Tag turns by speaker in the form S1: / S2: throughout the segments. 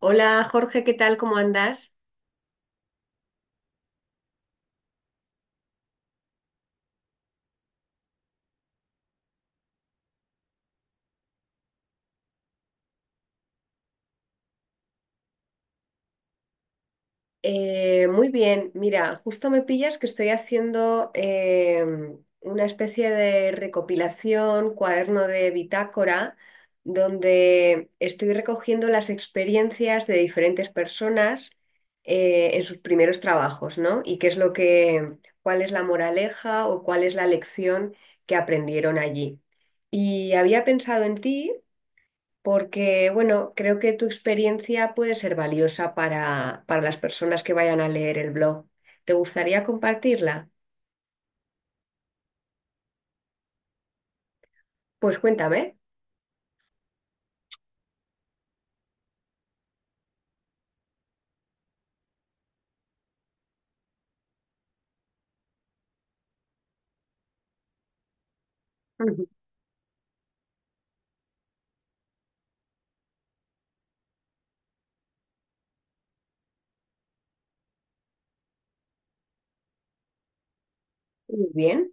S1: Hola Jorge, ¿qué tal? ¿Cómo andas? Muy bien, mira, justo me pillas que estoy haciendo una especie de recopilación, cuaderno de bitácora, donde estoy recogiendo las experiencias de diferentes personas, en sus primeros trabajos, ¿no? Y qué es lo que, cuál es la moraleja o cuál es la lección que aprendieron allí. Y había pensado en ti porque, bueno, creo que tu experiencia puede ser valiosa para las personas que vayan a leer el blog. ¿Te gustaría compartirla? Pues cuéntame. Ujú. Muy bien.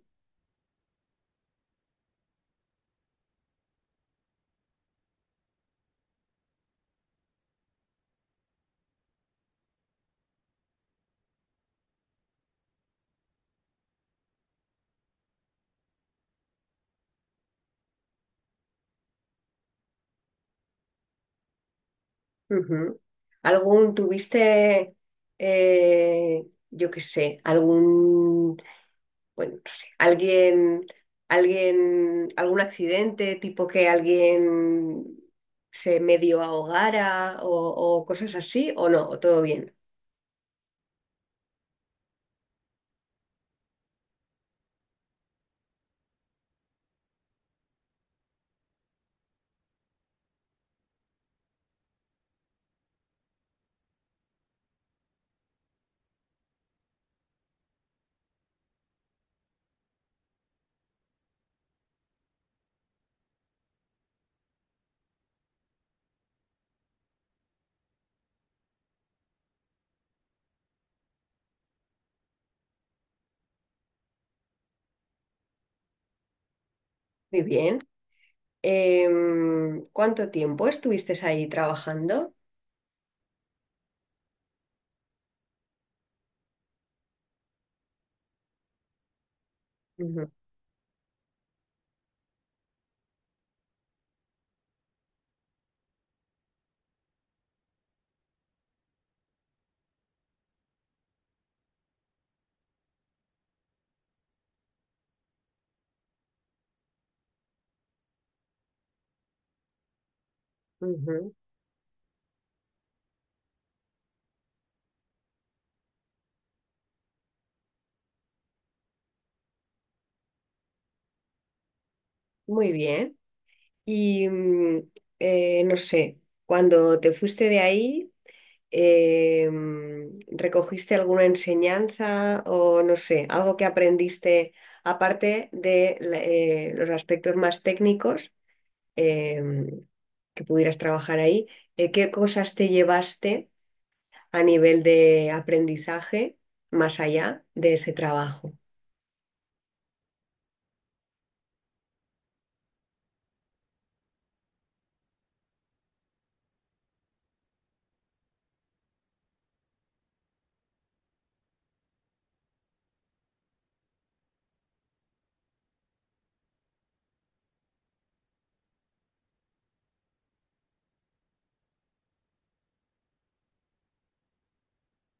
S1: Ujú. ¿Algún tuviste, yo qué sé, algún, bueno, no sé, alguien, Alguien, algún accidente, tipo que alguien se medio ahogara o cosas así, o no? ¿O todo bien? Muy bien. ¿Cuánto tiempo estuviste ahí trabajando? Ujú, ujú. Muy bien. Y no sé, cuando te fuiste de ahí, ¿recogiste alguna enseñanza o no sé, algo que aprendiste aparte de los aspectos más técnicos em, que pudieras trabajar ahí? ¿Qué cosas te llevaste a nivel de aprendizaje más allá de ese trabajo?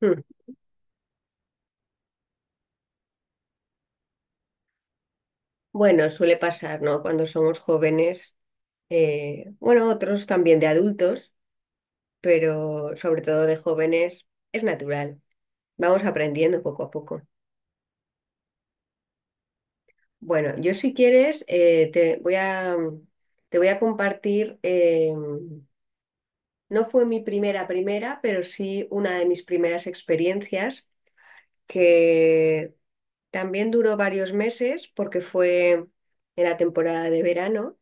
S1: Hmm. Bueno, suele pasar, ¿no? Cuando somos jóvenes, bueno, otros también de adultos, pero sobre todo de jóvenes, es natural. Vamos aprendiendo poco a poco. Bueno, yo si quieres, te voy a compartir, no fue mi primera, pero sí una de mis primeras experiencias que también duró varios meses porque fue en la temporada de verano.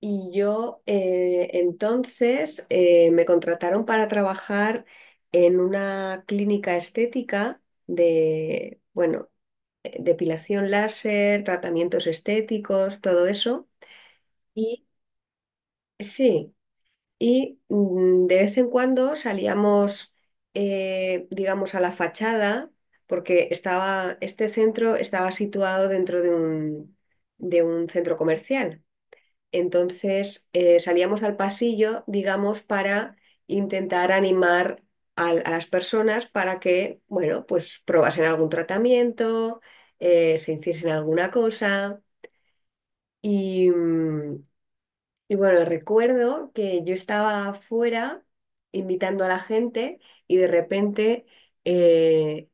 S1: Y yo, me contrataron para trabajar en una clínica estética de, bueno, depilación láser, tratamientos estéticos, todo eso. Y sí, y de vez en cuando salíamos, digamos, a la fachada, porque estaba, este centro estaba situado dentro de de un centro comercial. Entonces, salíamos al pasillo, digamos, para intentar animar a las personas para que, bueno, pues probasen algún tratamiento, se hiciesen alguna cosa. Y, y bueno, recuerdo que yo estaba afuera invitando a la gente y de repente eh,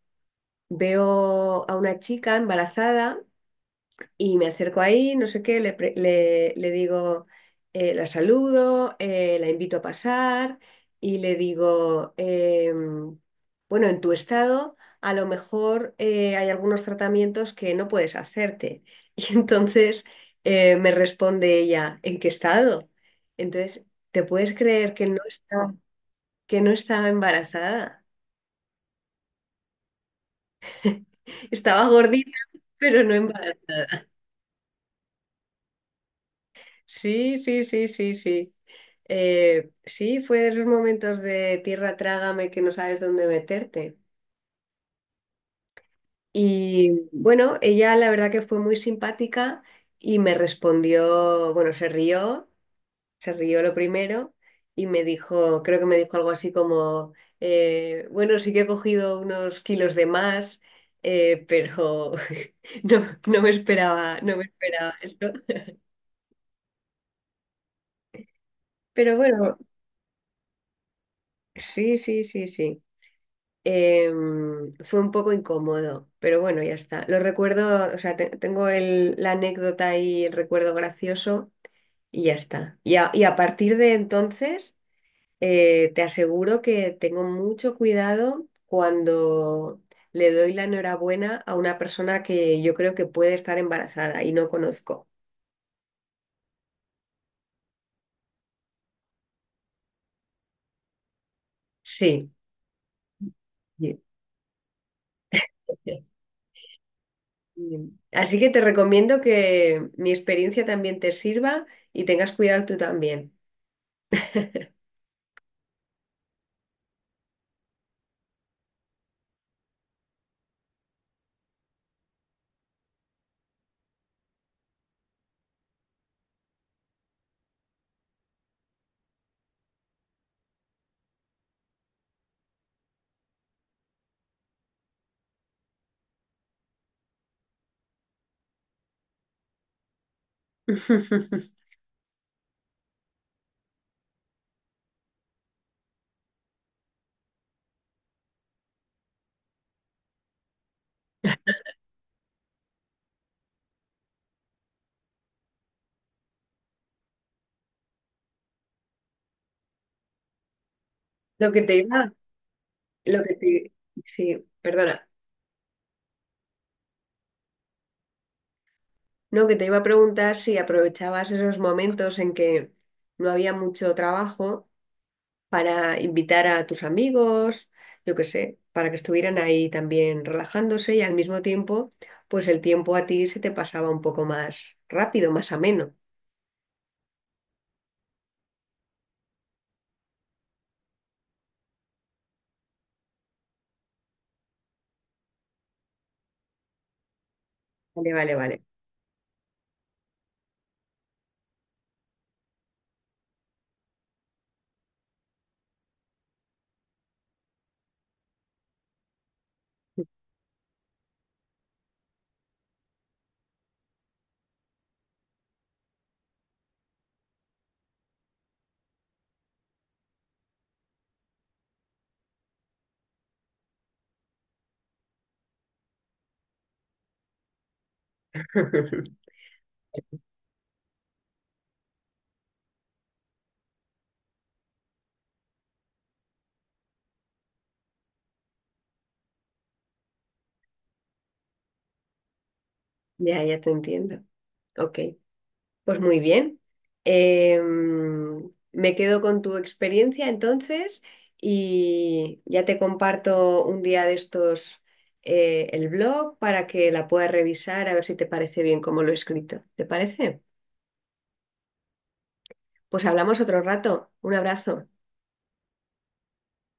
S1: veo a una chica embarazada y me acerco ahí, no sé qué, le digo, la saludo, la invito a pasar y le digo, bueno, en tu estado a lo mejor hay algunos tratamientos que no puedes hacerte. Y entonces me responde ella, ¿en qué estado? Entonces, ¿te puedes creer que no estaba embarazada? Estaba gordita, pero no embarazada. Sí, sí, sí, sí, sí. Sí, fue de esos momentos de tierra trágame que no sabes dónde meterte. Y bueno, ella la verdad que fue muy simpática y me respondió, bueno, se rió lo primero y me dijo, creo que me dijo algo así como, bueno, sí que he cogido unos kilos de más, pero no me esperaba, no me esperaba esto. Pero bueno, sí, sí, sí, sí. Fue un poco incómodo, pero bueno, ya está. Lo recuerdo, o sea, tengo la anécdota y el recuerdo gracioso y ya está. Y a partir de entonces, te aseguro que tengo mucho cuidado cuando le doy la enhorabuena a una persona que yo creo que puede estar embarazada y no conozco. Sí, sí. Bien. Así que te recomiendo que mi experiencia también te sirva y tengas cuidado tú también. Lo que te iba, lo que te, Sí, perdona, no, que te iba a preguntar si aprovechabas esos momentos en que no había mucho trabajo para invitar a tus amigos, yo qué sé, para que estuvieran ahí también relajándose y al mismo tiempo, pues el tiempo a ti se te pasaba un poco más rápido, más ameno. Vale, vale, vale. Ya, ya te entiendo. Ok. Pues muy bien. Me quedo con tu experiencia entonces y ya te comparto un día de estos, el blog para que la puedas revisar a ver si te parece bien como lo he escrito. ¿Te parece? Pues hablamos otro rato. Un abrazo.